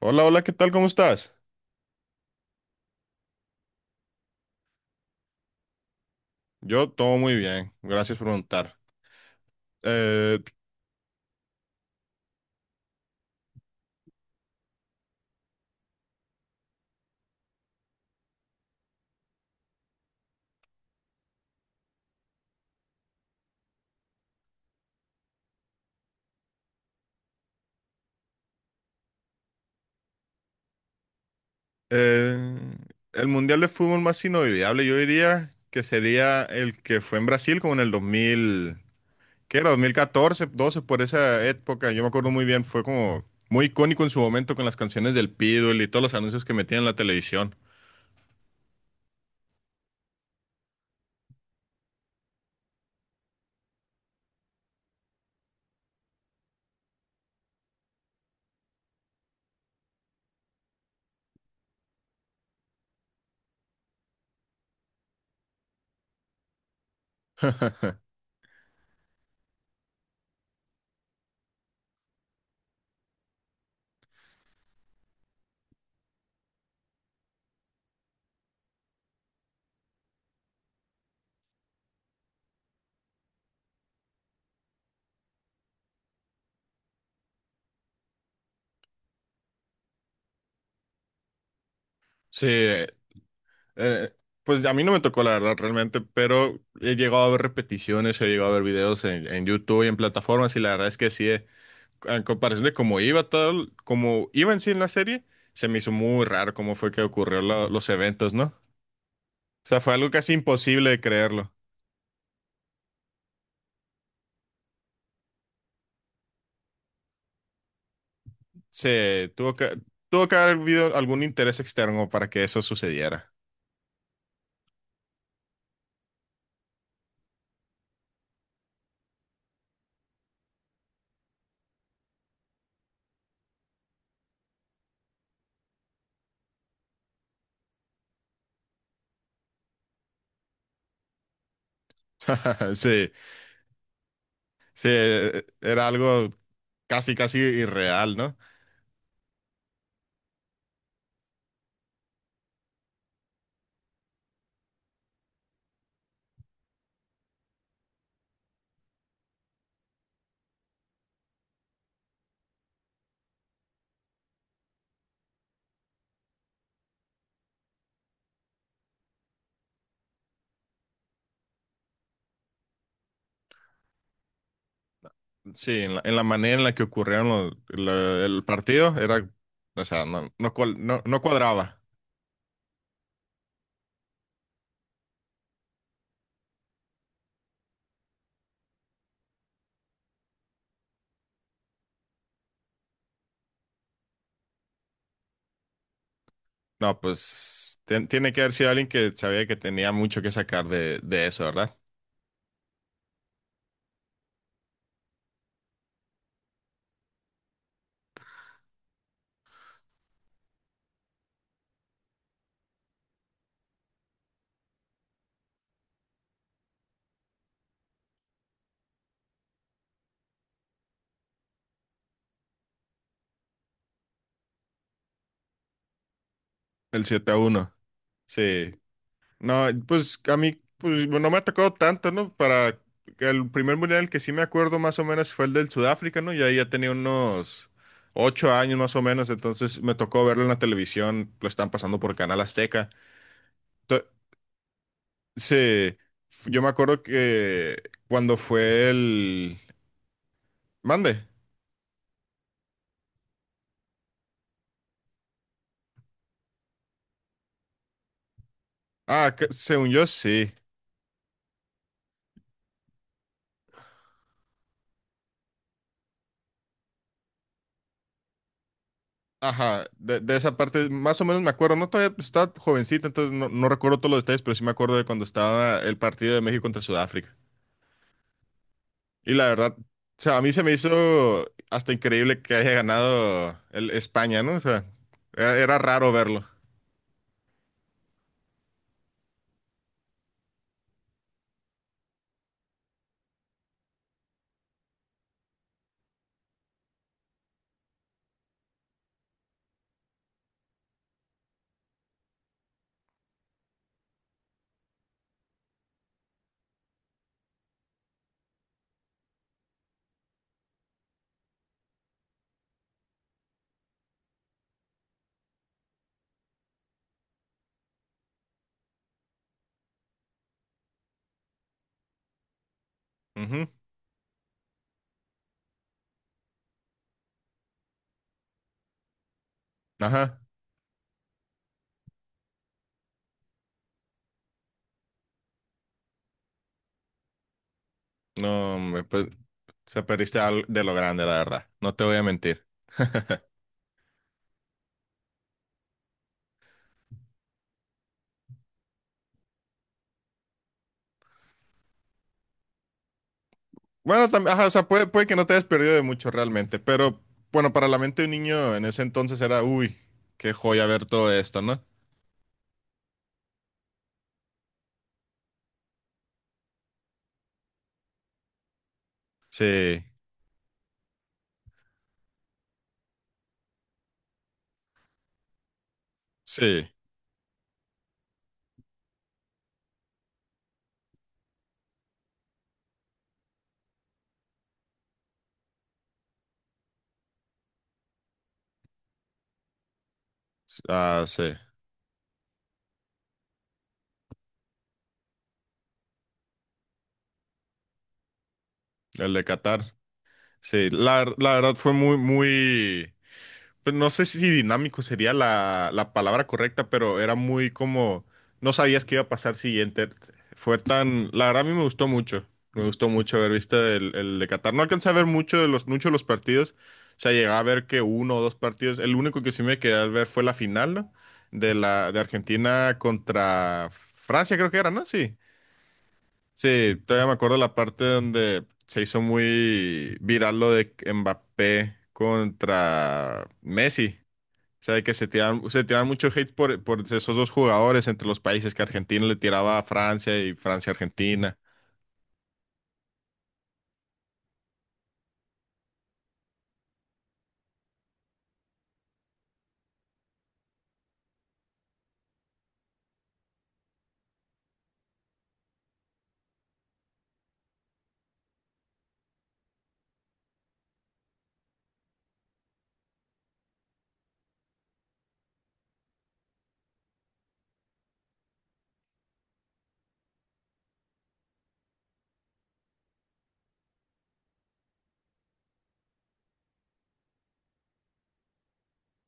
Hola, hola, ¿qué tal? ¿Cómo estás? Yo todo muy bien, gracias por preguntar. Eh, eh, el Mundial de Fútbol más inolvidable, yo diría que sería el que fue en Brasil como en el 2000. ¿Qué era? 2014, 12 por esa época. Yo me acuerdo muy bien, fue como muy icónico en su momento con las canciones del Pitbull y todos los anuncios que metían en la televisión. Sí, eh, pues a mí no me tocó la verdad realmente, pero he llegado a ver repeticiones, he llegado a ver videos en YouTube y en plataformas, y la verdad es que sí, en comparación de cómo iba tal, como iba en sí en la serie, se me hizo muy raro cómo fue que ocurrió los eventos, ¿no? O sea, fue algo casi imposible de creerlo. Se tuvo que, tuvo que haber habido algún interés externo para que eso sucediera. Sí, sí, era algo casi, casi irreal, ¿no? Sí, en la manera en la que ocurrieron el partido, o sea, no, no, no no cuadraba. No, pues tiene que haber sido alguien que sabía que tenía mucho que sacar de eso, ¿verdad? El 7-1. Sí. No, pues a mí pues, no me ha tocado tanto, ¿no? Para el primer mundial que sí me acuerdo más o menos fue el del Sudáfrica, ¿no? Y ahí ya tenía unos 8 años más o menos, entonces me tocó verlo en la televisión, lo están pasando por Canal Azteca. To- sí, yo me acuerdo que cuando fue el. Mande. Ah, según yo sí. Ajá, de esa parte más o menos me acuerdo, no todavía pues, estaba jovencita, entonces no, no recuerdo todos los detalles, pero sí me acuerdo de cuando estaba el partido de México contra Sudáfrica. Y la verdad, o sea, a mí se me hizo hasta increíble que haya ganado el España, ¿no? O sea, era raro verlo. Ujú. Ajá. No, me, pues, se perdiste de lo grande, la verdad, no te voy a mentir. Bueno, también, ajá, o sea, puede que no te hayas perdido de mucho realmente, pero bueno, para la mente de un niño en ese entonces era, uy, qué joya ver todo esto, ¿no? Sí, sí, ah, sí, el de Qatar. Sí, la verdad fue muy, muy, pues, no sé si dinámico sería la palabra correcta, pero era muy como, no sabías qué iba a pasar siguiente. La verdad, a mí me gustó mucho, haber visto el de Qatar. No alcancé a ver mucho muchos de los partidos, o sea, llegaba a ver que uno o dos partidos. El único que sí me quedé a ver fue la final, ¿no? De Argentina contra Francia, creo que era, ¿no? Sí, sí, todavía me acuerdo la parte donde se hizo muy viral lo de Mbappé contra Messi. O sea, de que se tiraron mucho hate por esos dos jugadores entre los países, que Argentina le tiraba a Francia y Francia a Argentina.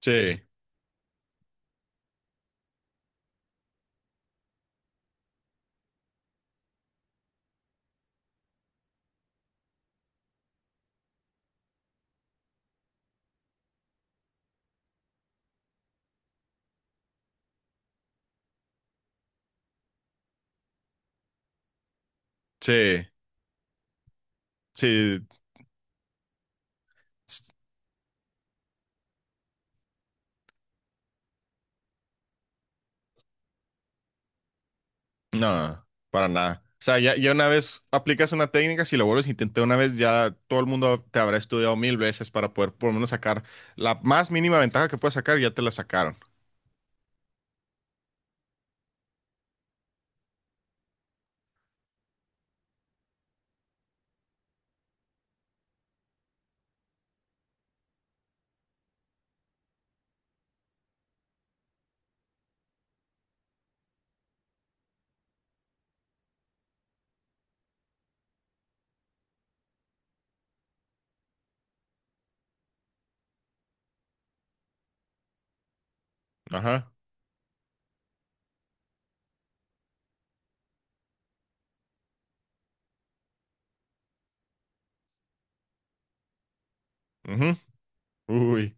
Sí, sí, sí. s- No, para nada. O sea, ya una vez aplicas una técnica, si lo vuelves a intentar una vez, ya todo el mundo te habrá estudiado mil veces para poder por lo menos sacar la más mínima ventaja que puedas sacar, ya te la sacaron. Ajá. Ujú. Uy.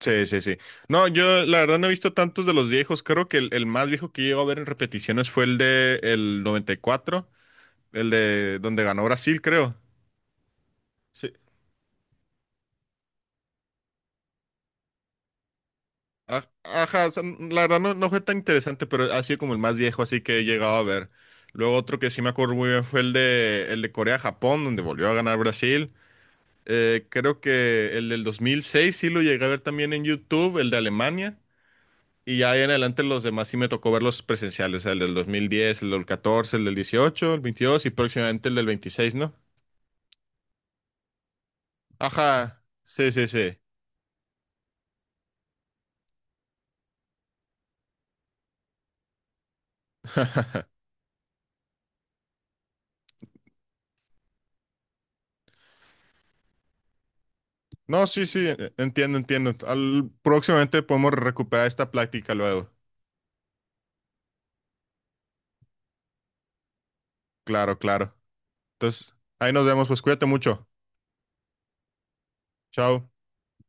Sí, sí, sí. No, yo la verdad no he visto tantos de los viejos. Creo que el más viejo que llego a ver en repeticiones fue el de el 94, el de donde ganó Brasil, creo. Sí. Ajá, o sea, la verdad no, no fue tan interesante, pero ha sido como el más viejo, así que he llegado a ver. Luego otro que sí me acuerdo muy bien fue el de Corea-Japón, donde volvió a ganar Brasil. Creo que el del 2006 sí lo llegué a ver también en YouTube, el de Alemania. Y ya ahí en adelante los demás sí me tocó ver los presenciales, el del 2010, el del 14, el del 18, el 22 y próximamente el del 26, ¿no? Ajá, sí, sí, sí. No, sí, sí, entiendo, entiendo. Próximamente podemos recuperar esta plática luego. Claro, claro. Entonces, ahí nos vemos, pues cuídate mucho. Chao.